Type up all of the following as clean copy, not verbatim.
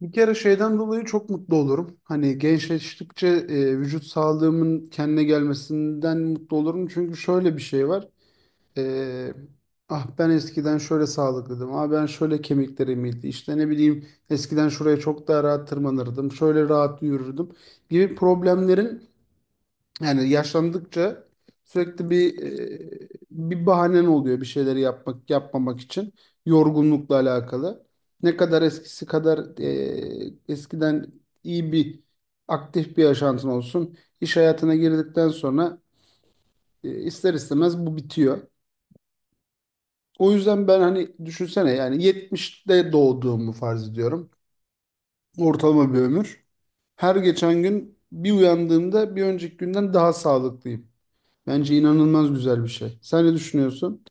Bir kere şeyden dolayı çok mutlu olurum. Hani gençleştikçe vücut sağlığımın kendine gelmesinden mutlu olurum. Çünkü şöyle bir şey var. E, ah ben eskiden şöyle sağlıklıydım. Ah ben şöyle kemiklerim iyiydi. İşte ne bileyim eskiden şuraya çok daha rahat tırmanırdım. Şöyle rahat yürürdüm gibi problemlerin yani yaşlandıkça sürekli bir bahanen oluyor bir şeyleri yapmak yapmamak için yorgunlukla alakalı. Ne kadar eskisi kadar eskiden iyi bir aktif bir yaşantın olsun. İş hayatına girdikten sonra ister istemez bu bitiyor. O yüzden ben hani düşünsene yani 70'te doğduğumu farz ediyorum. Ortalama bir ömür. Her geçen gün bir uyandığımda bir önceki günden daha sağlıklıyım. Bence inanılmaz güzel bir şey. Sen ne düşünüyorsun?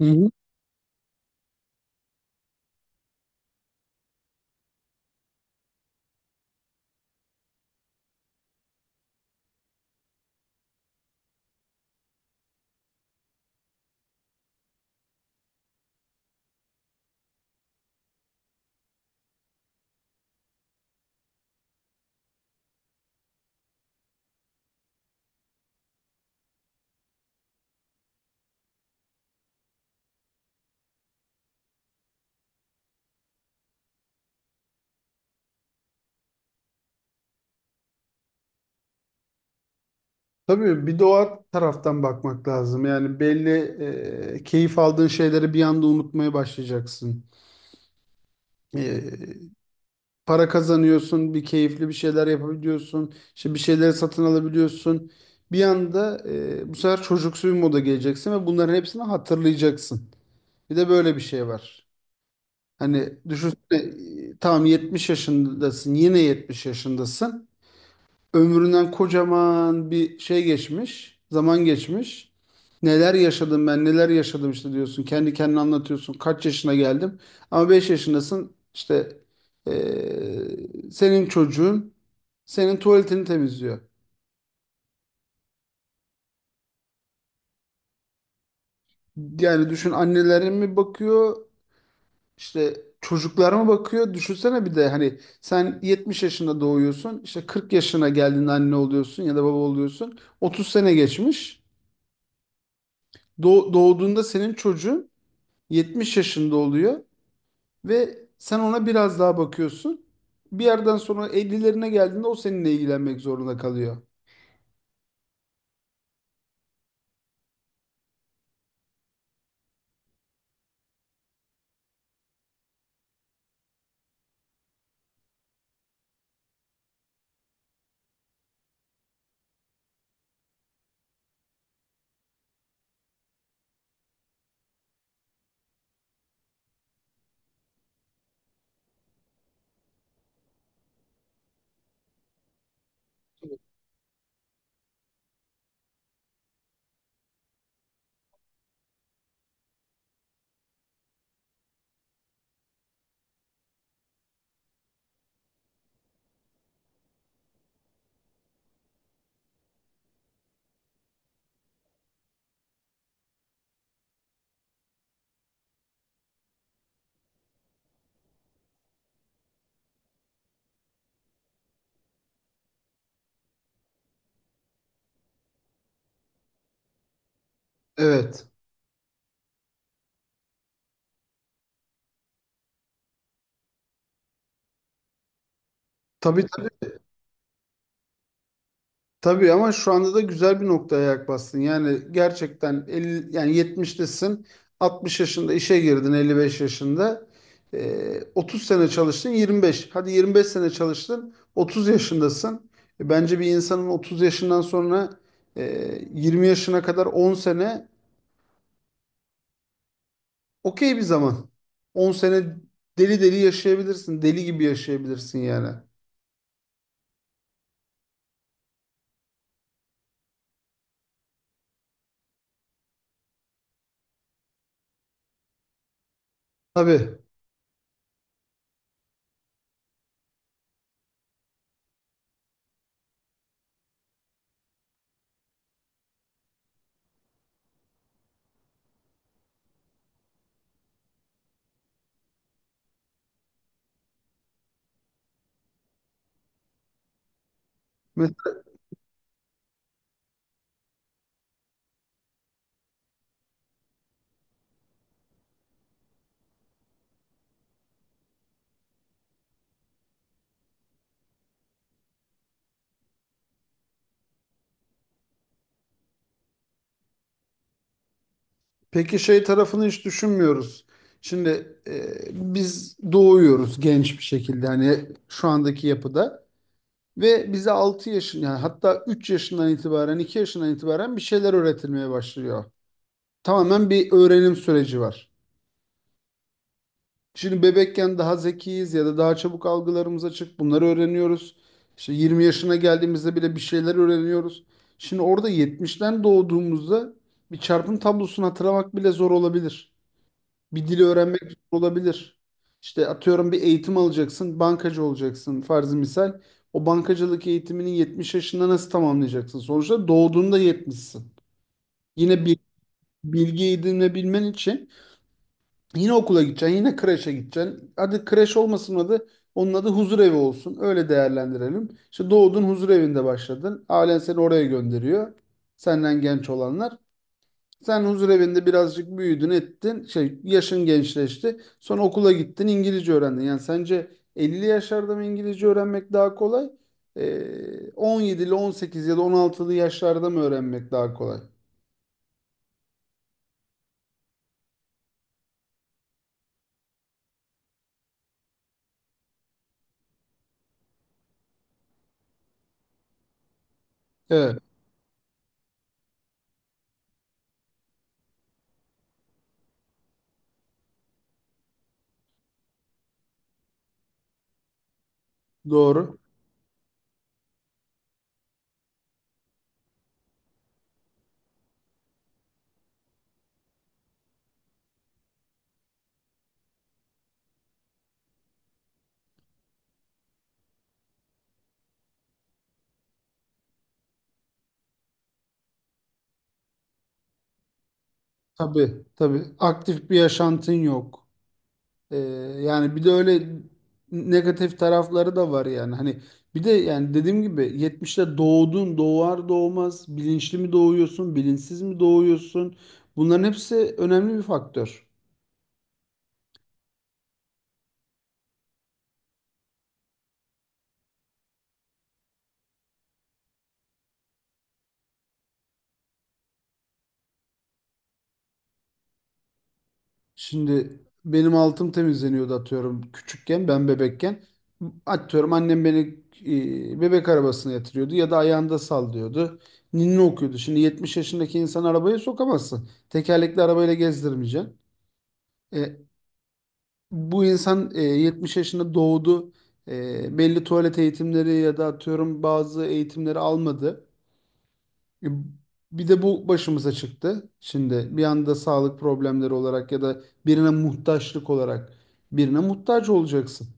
Hı hı. Tabii bir doğa taraftan bakmak lazım. Yani belli keyif aldığın şeyleri bir anda unutmaya başlayacaksın. E, Para kazanıyorsun, bir keyifli bir şeyler yapabiliyorsun, işte bir şeyleri satın alabiliyorsun. Bir anda bu sefer çocuksu bir moda geleceksin ve bunların hepsini hatırlayacaksın. Bir de böyle bir şey var. Hani düşünsene tamam 70 yaşındasın, yine 70 yaşındasın. Ömründen kocaman bir şey geçmiş, zaman geçmiş. Neler yaşadım ben, neler yaşadım işte diyorsun. Kendi kendine anlatıyorsun. Kaç yaşına geldim? Ama 5 yaşındasın. İşte senin çocuğun senin tuvaletini temizliyor. Yani düşün annelere mi bakıyor, işte çocuklara mı bakıyor? Düşünsene bir de hani sen 70 yaşında doğuyorsun. İşte 40 yaşına geldiğinde anne oluyorsun ya da baba oluyorsun. Otuz sene geçmiş. Doğduğunda senin çocuğun 70 yaşında oluyor ve sen ona biraz daha bakıyorsun. Bir yerden sonra 50'lerine geldiğinde o seninle ilgilenmek zorunda kalıyor. Evet. Tabii tabii, tabii ama şu anda da güzel bir noktaya ayak bastın. Yani gerçekten 50, yani 70'tesin, 60 yaşında işe girdin, 55 yaşında. 30 sene çalıştın, 25. Hadi 25 sene çalıştın, 30 yaşındasın. Bence bir insanın 30 yaşından sonra e, 20 yaşına kadar 10 sene okey bir zaman. On sene deli deli yaşayabilirsin. Deli gibi yaşayabilirsin yani. Tabii. Mes- Peki şey tarafını hiç düşünmüyoruz. Şimdi biz doğuyoruz genç bir şekilde hani şu andaki yapıda ve bize 6 yaşın yani hatta 3 yaşından itibaren 2 yaşından itibaren bir şeyler öğretilmeye başlıyor. Tamamen bir öğrenim süreci var. Şimdi bebekken daha zekiyiz ya da daha çabuk algılarımız açık. Bunları öğreniyoruz. İşte 20 yaşına geldiğimizde bile bir şeyler öğreniyoruz. Şimdi orada 70'ten doğduğumuzda bir çarpım tablosunu hatırlamak bile zor olabilir. Bir dili öğrenmek zor olabilir. İşte atıyorum bir eğitim alacaksın, bankacı olacaksın farzı misal. O bankacılık eğitimini 70 yaşında nasıl tamamlayacaksın? Sonuçta doğduğunda 70'sin. Yine bir bilgi edinebilmen için yine okula gideceksin, yine kreşe gideceksin. Hadi kreş olmasın adı, onun adı huzur evi olsun. Öyle değerlendirelim. İşte doğdun huzur evinde başladın. Ailen seni oraya gönderiyor. Senden genç olanlar. Sen huzur evinde birazcık büyüdün, ettin. Şey, yaşın gençleşti. Sonra okula gittin, İngilizce öğrendin. Yani sence 50 yaşlarda mı İngilizce öğrenmek daha kolay? 17 ile sekiz ya da on altılı yaşlarda mı öğrenmek daha kolay? Evet, doğru. Tabii, tabii. Aktif bir yaşantın yok. Ee, Yani bir de öyle negatif tarafları da var yani. Hani bir de yani dediğim gibi 70'te doğdun, doğar doğmaz bilinçli mi doğuyorsun, bilinçsiz mi doğuyorsun? Bunların hepsi önemli bir faktör. Şimdi benim altım temizleniyordu atıyorum küçükken, ben bebekken. Atıyorum annem beni bebek arabasına yatırıyordu ya da ayağında sallıyordu. Ninni okuyordu. Şimdi 70 yaşındaki insan arabaya sokamazsın. Tekerlekli arabayla gezdirmeyeceksin. E, Bu insan 70 yaşında doğdu. Belli tuvalet eğitimleri ya da atıyorum bazı eğitimleri almadı. E, Bir de bu başımıza çıktı. Şimdi bir anda sağlık problemleri olarak ya da birine muhtaçlık olarak birine muhtaç olacaksın.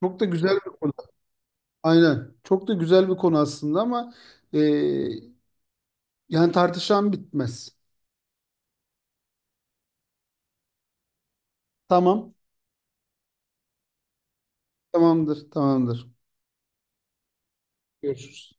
Çok da güzel bir konu. Aynen. Çok da güzel bir konu aslında ama e, yani tartışan bitmez. Tamam. Tamamdır. Tamamdır. Görüşürüz.